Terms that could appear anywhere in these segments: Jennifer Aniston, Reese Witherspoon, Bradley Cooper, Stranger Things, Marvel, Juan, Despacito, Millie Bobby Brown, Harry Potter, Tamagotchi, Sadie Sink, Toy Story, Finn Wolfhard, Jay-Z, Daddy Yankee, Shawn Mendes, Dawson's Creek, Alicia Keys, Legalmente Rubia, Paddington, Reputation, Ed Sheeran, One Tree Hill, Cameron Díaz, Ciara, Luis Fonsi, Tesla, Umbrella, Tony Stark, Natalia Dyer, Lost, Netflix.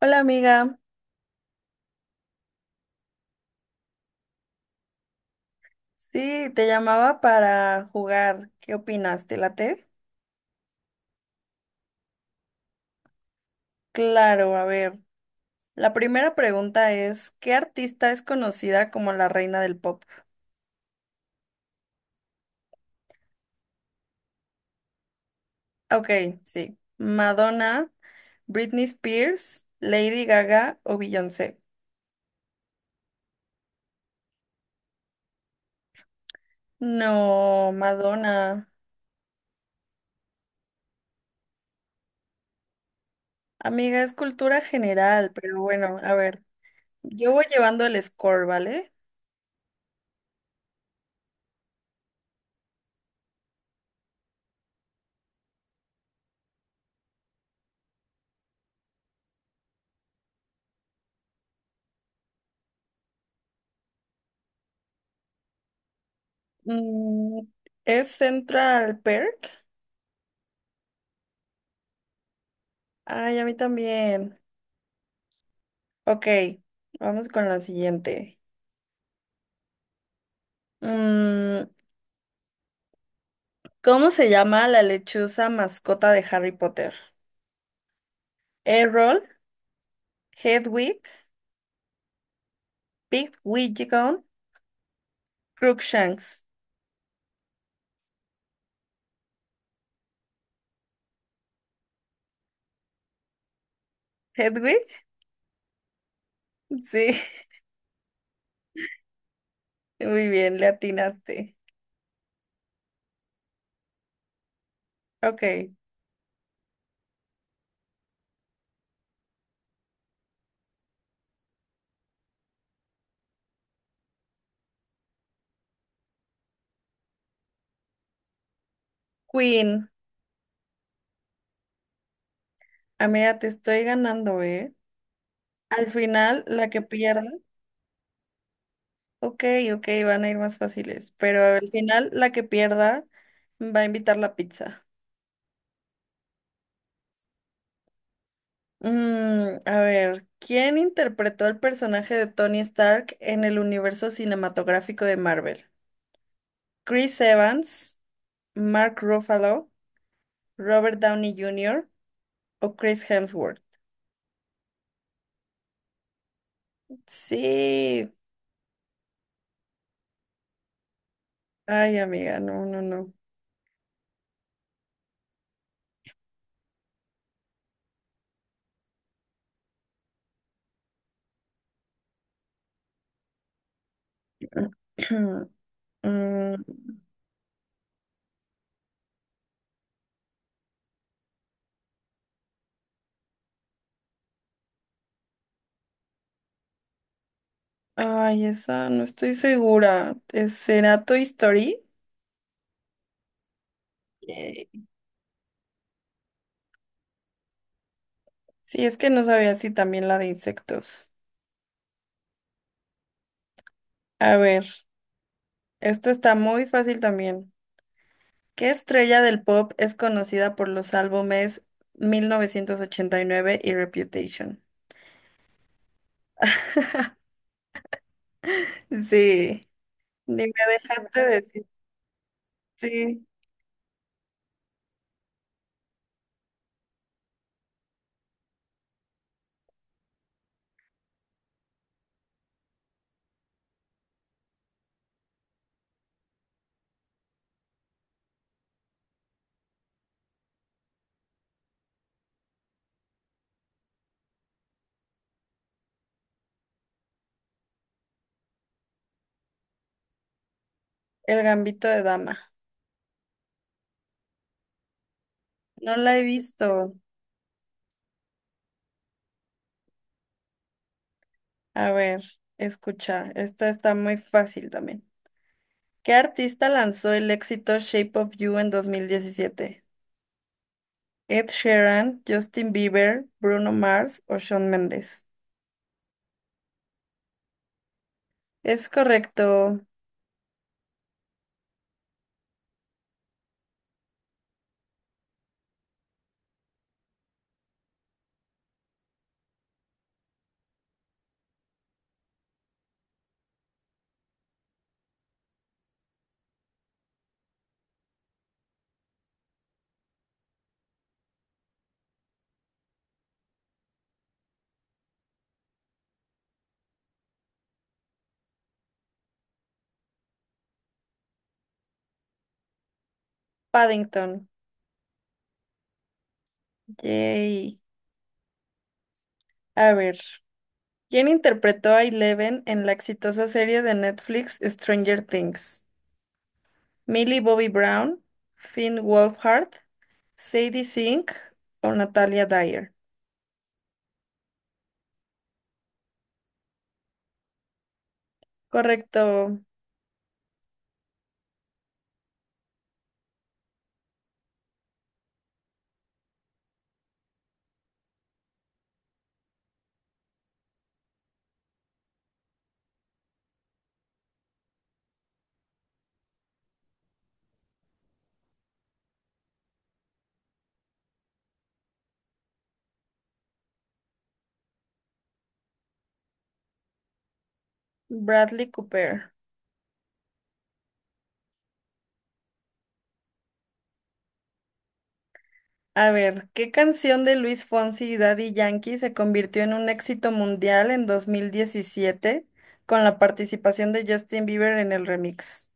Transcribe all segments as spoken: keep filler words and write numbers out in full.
Hola amiga, sí, te llamaba para jugar. ¿Qué opinas? ¿Te late? Claro, a ver. La primera pregunta es, ¿qué artista es conocida como la reina del pop? Ok, sí. Madonna, Britney Spears, Lady Gaga o Beyoncé. No, Madonna. Amiga, es cultura general, pero bueno, a ver. Yo voy llevando el score, ¿vale? Mm, ¿es Central Perk? Ay, a mí también. Ok, vamos con la siguiente. Mm, ¿cómo se llama la lechuza mascota de Harry Potter? Errol, Hedwig, Pigwidgeon, Crookshanks. ¿Hedwig? Sí, muy bien, le atinaste. Ok, Queen. Amiga, te estoy ganando, ¿eh? Al final, la que pierda. Ok, ok, van a ir más fáciles, pero al final, la que pierda va a invitar la pizza. Mm, a ver, ¿quién interpretó el personaje de Tony Stark en el universo cinematográfico de Marvel? ¿Chris Evans, Mark Ruffalo, Robert Downey junior o Chris Hemsworth? Sí. Ay, amiga, no, no, no. Mm, ay, esa no estoy segura. ¿Es- ¿Será Toy Story? Eh, Sí, es que no sabía si también la de insectos. A ver, esta está muy fácil también. ¿Qué estrella del pop es conocida por los álbumes mil novecientos ochenta y nueve y nueve y Reputation? Sí, ni me dejaste decir. Sí, El Gambito de Dama. No la he visto. A ver, escucha, esta está muy fácil también. ¿Qué artista lanzó el éxito Shape of You en dos mil diecisiete? Ed Sheeran, Justin Bieber, Bruno Mars o Shawn Mendes. Es correcto, Paddington. Yay. A ver. ¿Quién interpretó a Eleven en la exitosa serie de Netflix Stranger Things? ¿Millie Bobby Brown, Finn Wolfhard, Sadie Sink o Natalia Dyer? Correcto, Bradley Cooper. A ver, ¿qué canción de Luis Fonsi y Daddy Yankee se convirtió en un éxito mundial en dos mil diecisiete con la participación de Justin Bieber en el remix?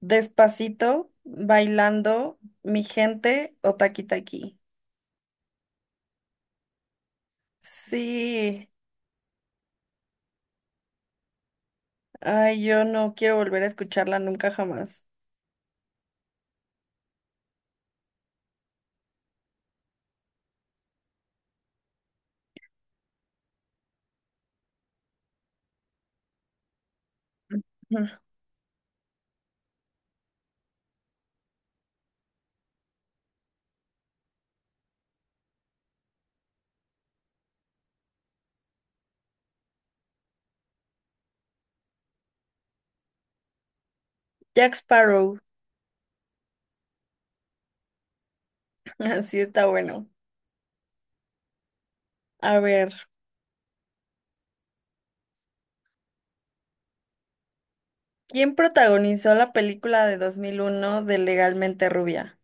¿Despacito, Bailando, Mi Gente o Taki Taki? Sí, ay, yo no quiero volver a escucharla nunca jamás. Ujú. Jack Sparrow, así está bueno. A ver, ¿quién protagonizó la película de dos mil uno de Legalmente Rubia?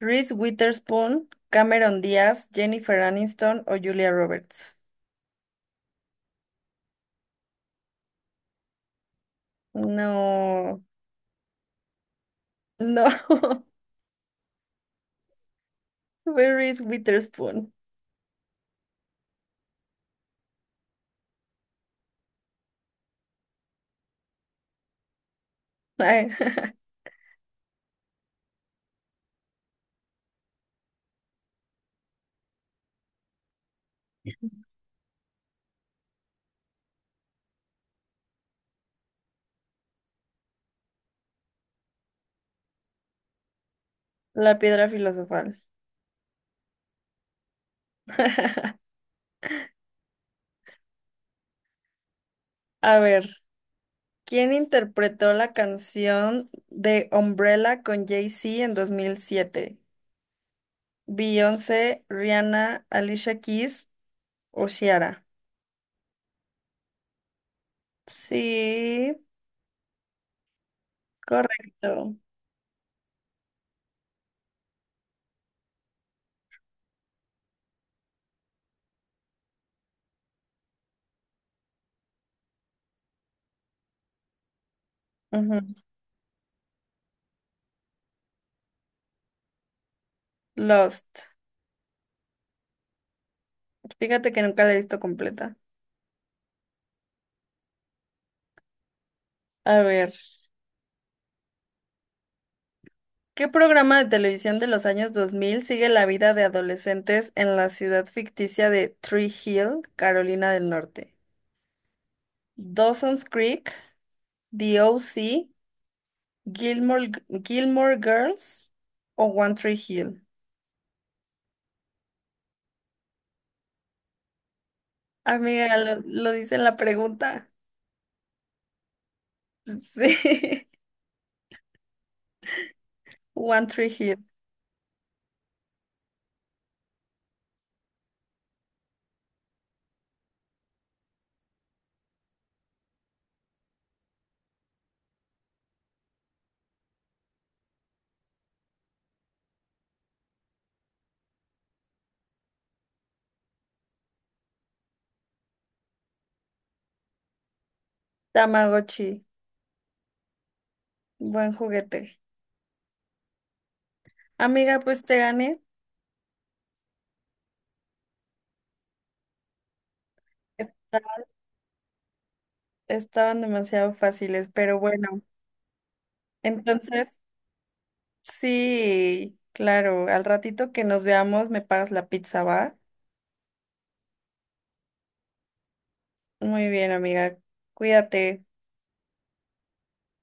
¿Reese Witherspoon, Cameron Díaz, Jennifer Aniston o Julia Roberts? No, no, fue Reese Witherspoon. Ay, la piedra filosofal. A ver, ¿quién interpretó la canción de Umbrella con Jay-Z en dos mil siete? Beyoncé, Rihanna, Alicia Keys o Ciara. Sí, correcto. Ujú. Lost. Fíjate que nunca la he visto completa. A ver, ¿qué programa de televisión de los años dos mil sigue la vida de adolescentes en la ciudad ficticia de Tree Hill, Carolina del Norte? Dawson's Creek, The O C, Gilmore, Gilmore Girls o One Tree Hill. Amiga, lo, lo dice en la pregunta. Sí. One Tree Hill, Tamagotchi, buen juguete. Amiga, pues te gané. Esta- Estaban demasiado fáciles, pero bueno. Entonces, sí, claro, al ratito que nos veamos me pagas la pizza, ¿va? Muy bien, amiga. Cuídate.